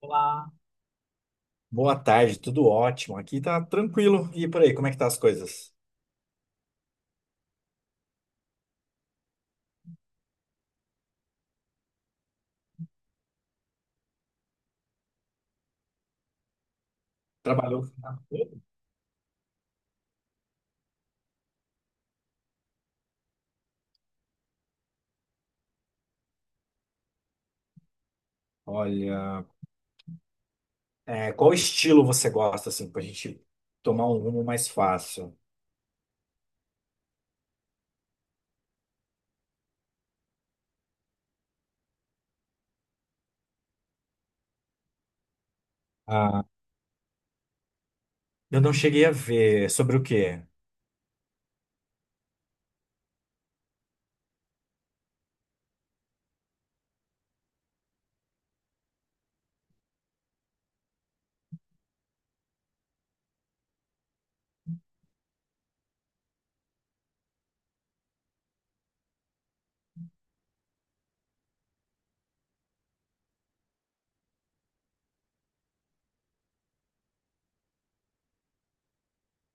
Olá, boa tarde, tudo ótimo. Aqui tá tranquilo. E por aí, como é que tá as coisas? Trabalhou? Olha, é, qual estilo você gosta, assim, pra gente tomar um rumo mais fácil? Ah, eu não cheguei a ver. Sobre o quê?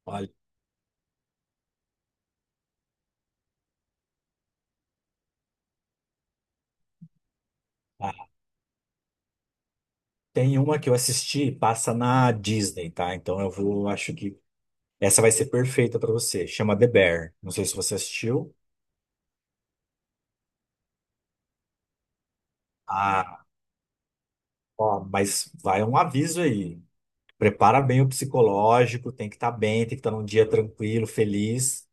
Olha, ah, tem uma que eu assisti, passa na Disney, tá? Então eu vou, acho que essa vai ser perfeita pra você. Chama The Bear. Não sei se você assistiu. Ah, ó, mas vai um aviso aí. Prepara bem o psicológico, tem que estar bem, tem que estar num dia tranquilo, feliz.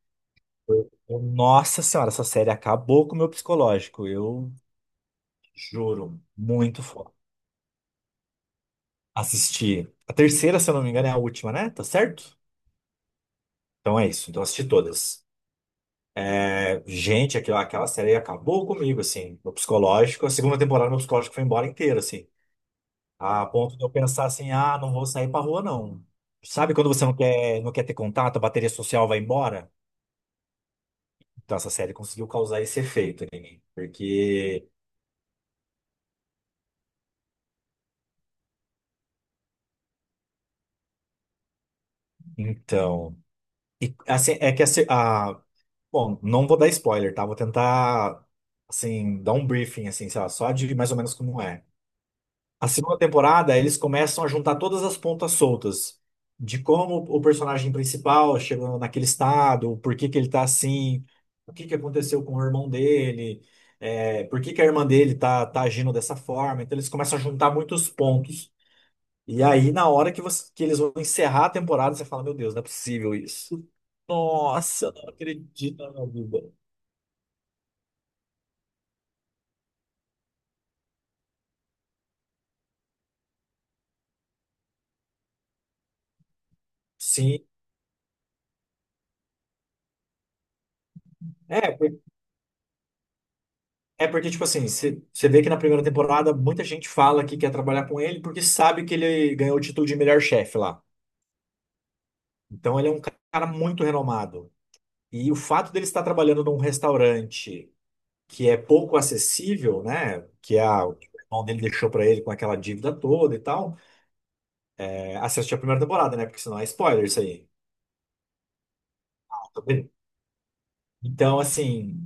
Nossa Senhora, essa série acabou com o meu psicológico, eu juro, muito foda. Assisti a terceira, se eu não me engano, é a última, né? Tá certo? Então é isso, então assisti todas. É, gente, aquela série acabou comigo, assim, meu psicológico. A segunda temporada, meu psicológico foi embora inteiro, assim, a ponto de eu pensar assim: ah, não vou sair pra rua, não. Sabe quando você não quer, não quer ter contato, a bateria social vai embora? Então, essa série conseguiu causar esse efeito em mim. Porque, então. E, assim, é que a, se- a- Bom, não vou dar spoiler, tá? Vou tentar, assim, dar um briefing, assim, sei lá, só de mais ou menos como é. A segunda temporada, eles começam a juntar todas as pontas soltas de como o personagem principal chegou naquele estado, por que que ele tá assim, o que que aconteceu com o irmão dele, é, por que que a irmã dele tá, tá agindo dessa forma. Então, eles começam a juntar muitos pontos. E aí, na hora que, que eles vão encerrar a temporada, você fala: Meu Deus, não é possível isso. Nossa, eu não acredito na minha vida. Sim. É, por- é porque, tipo assim, você vê que na primeira temporada muita gente fala que quer trabalhar com ele porque sabe que ele ganhou o título de melhor chefe lá. Então ele é um cara muito renomado. E o fato dele estar trabalhando num restaurante que é pouco acessível, né? O irmão dele deixou pra ele com aquela dívida toda e tal. É, assiste a primeira temporada, né? Porque senão é spoiler isso aí. Então, assim,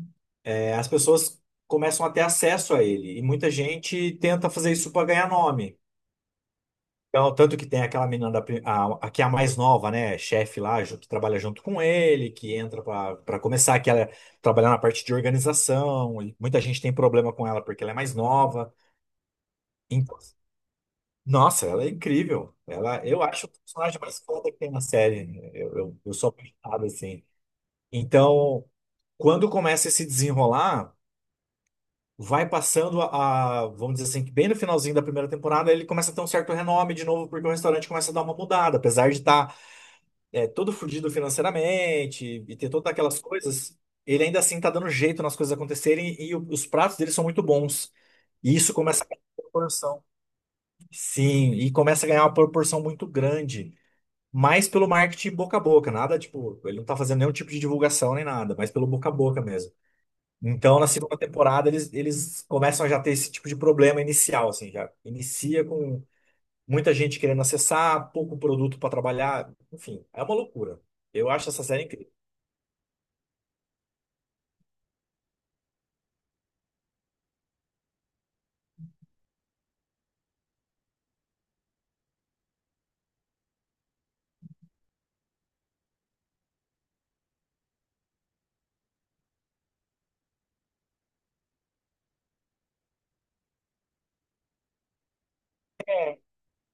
é, as pessoas começam a ter acesso a ele. E muita gente tenta fazer isso para ganhar nome. Então, tanto que tem aquela menina da, pri- a, que é a mais nova, né? Chefe lá, que trabalha junto com ele, que entra para começar, que ela trabalha na parte de organização. E muita gente tem problema com ela porque ela é mais nova. Então, nossa, ela é incrível. Ela, eu acho o personagem mais foda que tem na série. Eu sou apaixonado, assim. Então, quando começa a se desenrolar. Vai passando vamos dizer assim, que bem no finalzinho da primeira temporada, ele começa a ter um certo renome de novo, porque o restaurante começa a dar uma mudada, apesar de estar todo fudido financeiramente e ter todas aquelas coisas, ele ainda assim tá dando jeito nas coisas acontecerem e os pratos dele são muito bons. E isso começa a ganhar uma proporção. Sim, e começa a ganhar uma proporção muito grande. Mas pelo marketing boca a boca, nada tipo, ele não tá fazendo nenhum tipo de divulgação nem nada, mas pelo boca a boca mesmo. Então, na segunda temporada, eles começam a já ter esse tipo de problema inicial, assim, já inicia com muita gente querendo acessar, pouco produto para trabalhar, enfim, é uma loucura. Eu acho essa série incrível.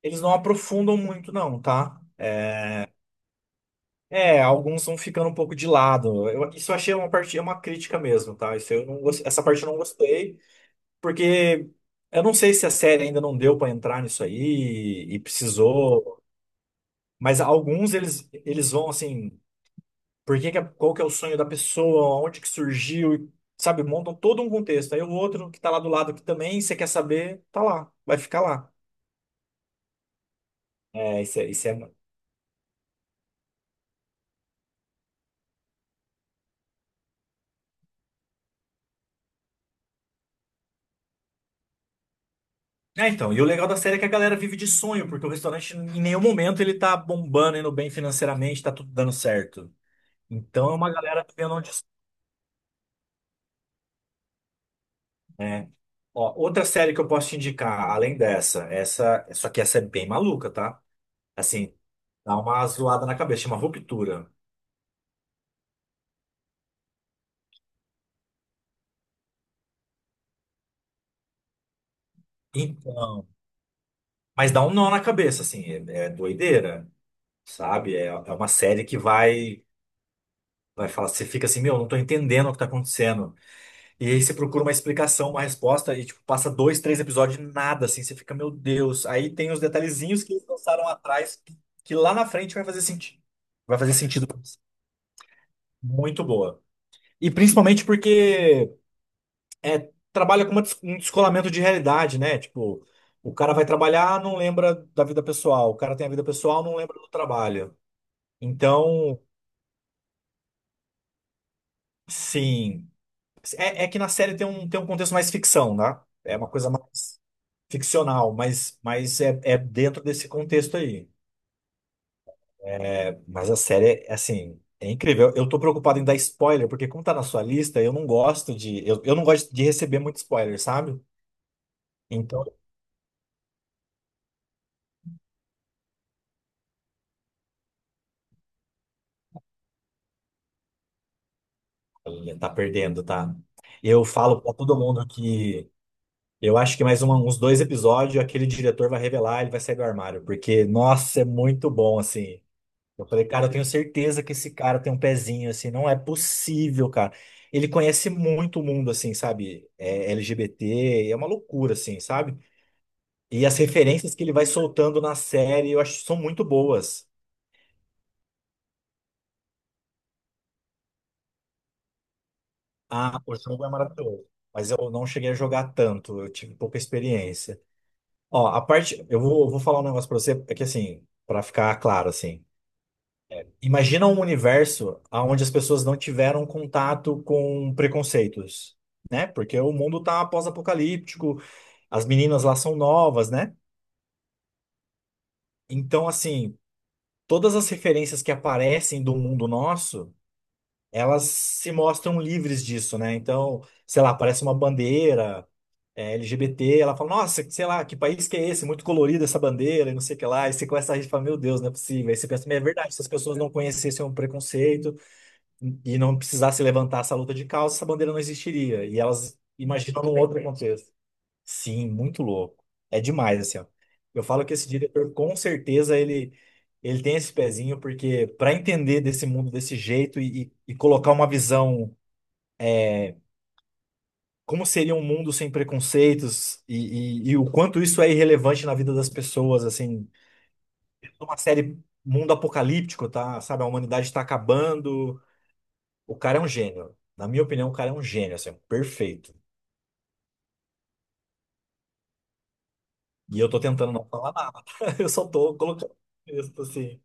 Eles não aprofundam muito, não, tá? É, alguns vão ficando um pouco de lado. Isso eu achei uma parte, é uma crítica mesmo, tá? Isso eu não, gos- essa parte eu não gostei, porque eu não sei se a série ainda não deu para entrar nisso aí e precisou, mas alguns eles vão assim. Por que que é- qual que é o sonho da pessoa, onde que surgiu, e, sabe? Montam todo um contexto. Aí o outro que tá lá do lado que também você quer saber, tá lá, vai ficar lá. É, isso é, isso é... É, então, e o legal da série é que a galera vive de sonho, porque o restaurante em nenhum momento ele tá bombando, indo bem financeiramente, tá tudo dando certo. Então é uma galera vivendo onde. É. Ó, outra série que eu posso te indicar, além dessa, essa, só que essa é bem maluca, tá? Assim, dá uma zoada na cabeça, chama Ruptura. Então. Mas dá um nó na cabeça, assim, é, é doideira, sabe? É, é uma série que vai, vai falar, você fica assim, meu, não tô entendendo o que tá acontecendo. E aí você procura uma explicação, uma resposta, e tipo, passa dois, três episódios e nada, assim, você fica, meu Deus. Aí tem os detalhezinhos que eles lançaram atrás, que lá na frente vai fazer sentido. Vai fazer sentido. Muito boa. E principalmente porque é, trabalha com um descolamento de realidade, né? Tipo, o cara vai trabalhar, não lembra da vida pessoal. O cara tem a vida pessoal, não lembra do trabalho. Então, sim. É, é que na série tem um contexto mais ficção, né? É uma coisa mais ficcional, mas é, é dentro desse contexto aí. É, mas a série, é, assim, é incrível. Eu tô preocupado em dar spoiler, porque como tá na sua lista, eu não gosto de. Eu não gosto de receber muito spoiler, sabe? Então, olha, tá perdendo, tá? Eu falo pra todo mundo que eu acho que mais um uns dois episódios aquele diretor vai revelar, ele vai sair do armário, porque, nossa, é muito bom, assim. Eu falei, cara, eu tenho certeza que esse cara tem um pezinho, assim, não é possível, cara. Ele conhece muito o mundo, assim, sabe? É LGBT, é uma loucura, assim, sabe? E as referências que ele vai soltando na série, eu acho que são muito boas. Ah, o jogo é maravilhoso, mas eu não cheguei a jogar tanto, eu tive pouca experiência. Ó, a parte, eu vou, vou falar um negócio pra você, é que assim, pra ficar claro, assim, imagina um universo onde as pessoas não tiveram contato com preconceitos, né? Porque o mundo tá pós-apocalíptico, as meninas lá são novas, né? Então, assim, todas as referências que aparecem do mundo nosso, elas se mostram livres disso, né? Então, sei lá, aparece uma bandeira é, LGBT, ela fala, nossa, sei lá, que país que é esse? Muito colorida essa bandeira, e não sei o que lá. E você começa a rir e fala, meu Deus, não é possível. Aí você pensa, "Mas é verdade, se as pessoas não conhecessem o preconceito, e não precisasse levantar essa luta de causa, essa bandeira não existiria. E elas imaginam num outro contexto. Sim, muito louco. É demais, assim, ó. Eu falo que esse diretor, com certeza, ele tem esse pezinho, porque para entender desse mundo desse jeito e colocar uma visão, como seria um mundo sem preconceitos e o quanto isso é irrelevante na vida das pessoas, assim, uma série mundo apocalíptico, tá? Sabe, a humanidade está acabando. O cara é um gênio. Na minha opinião, o cara é um gênio, assim, perfeito. E eu tô tentando não falar nada. Eu só tô colocando texto assim.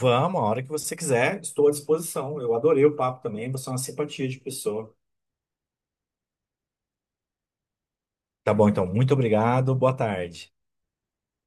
Vamos, a hora que você quiser, estou à disposição. Eu adorei o papo também, você é uma simpatia de pessoa. Tá bom, então, muito obrigado, boa tarde.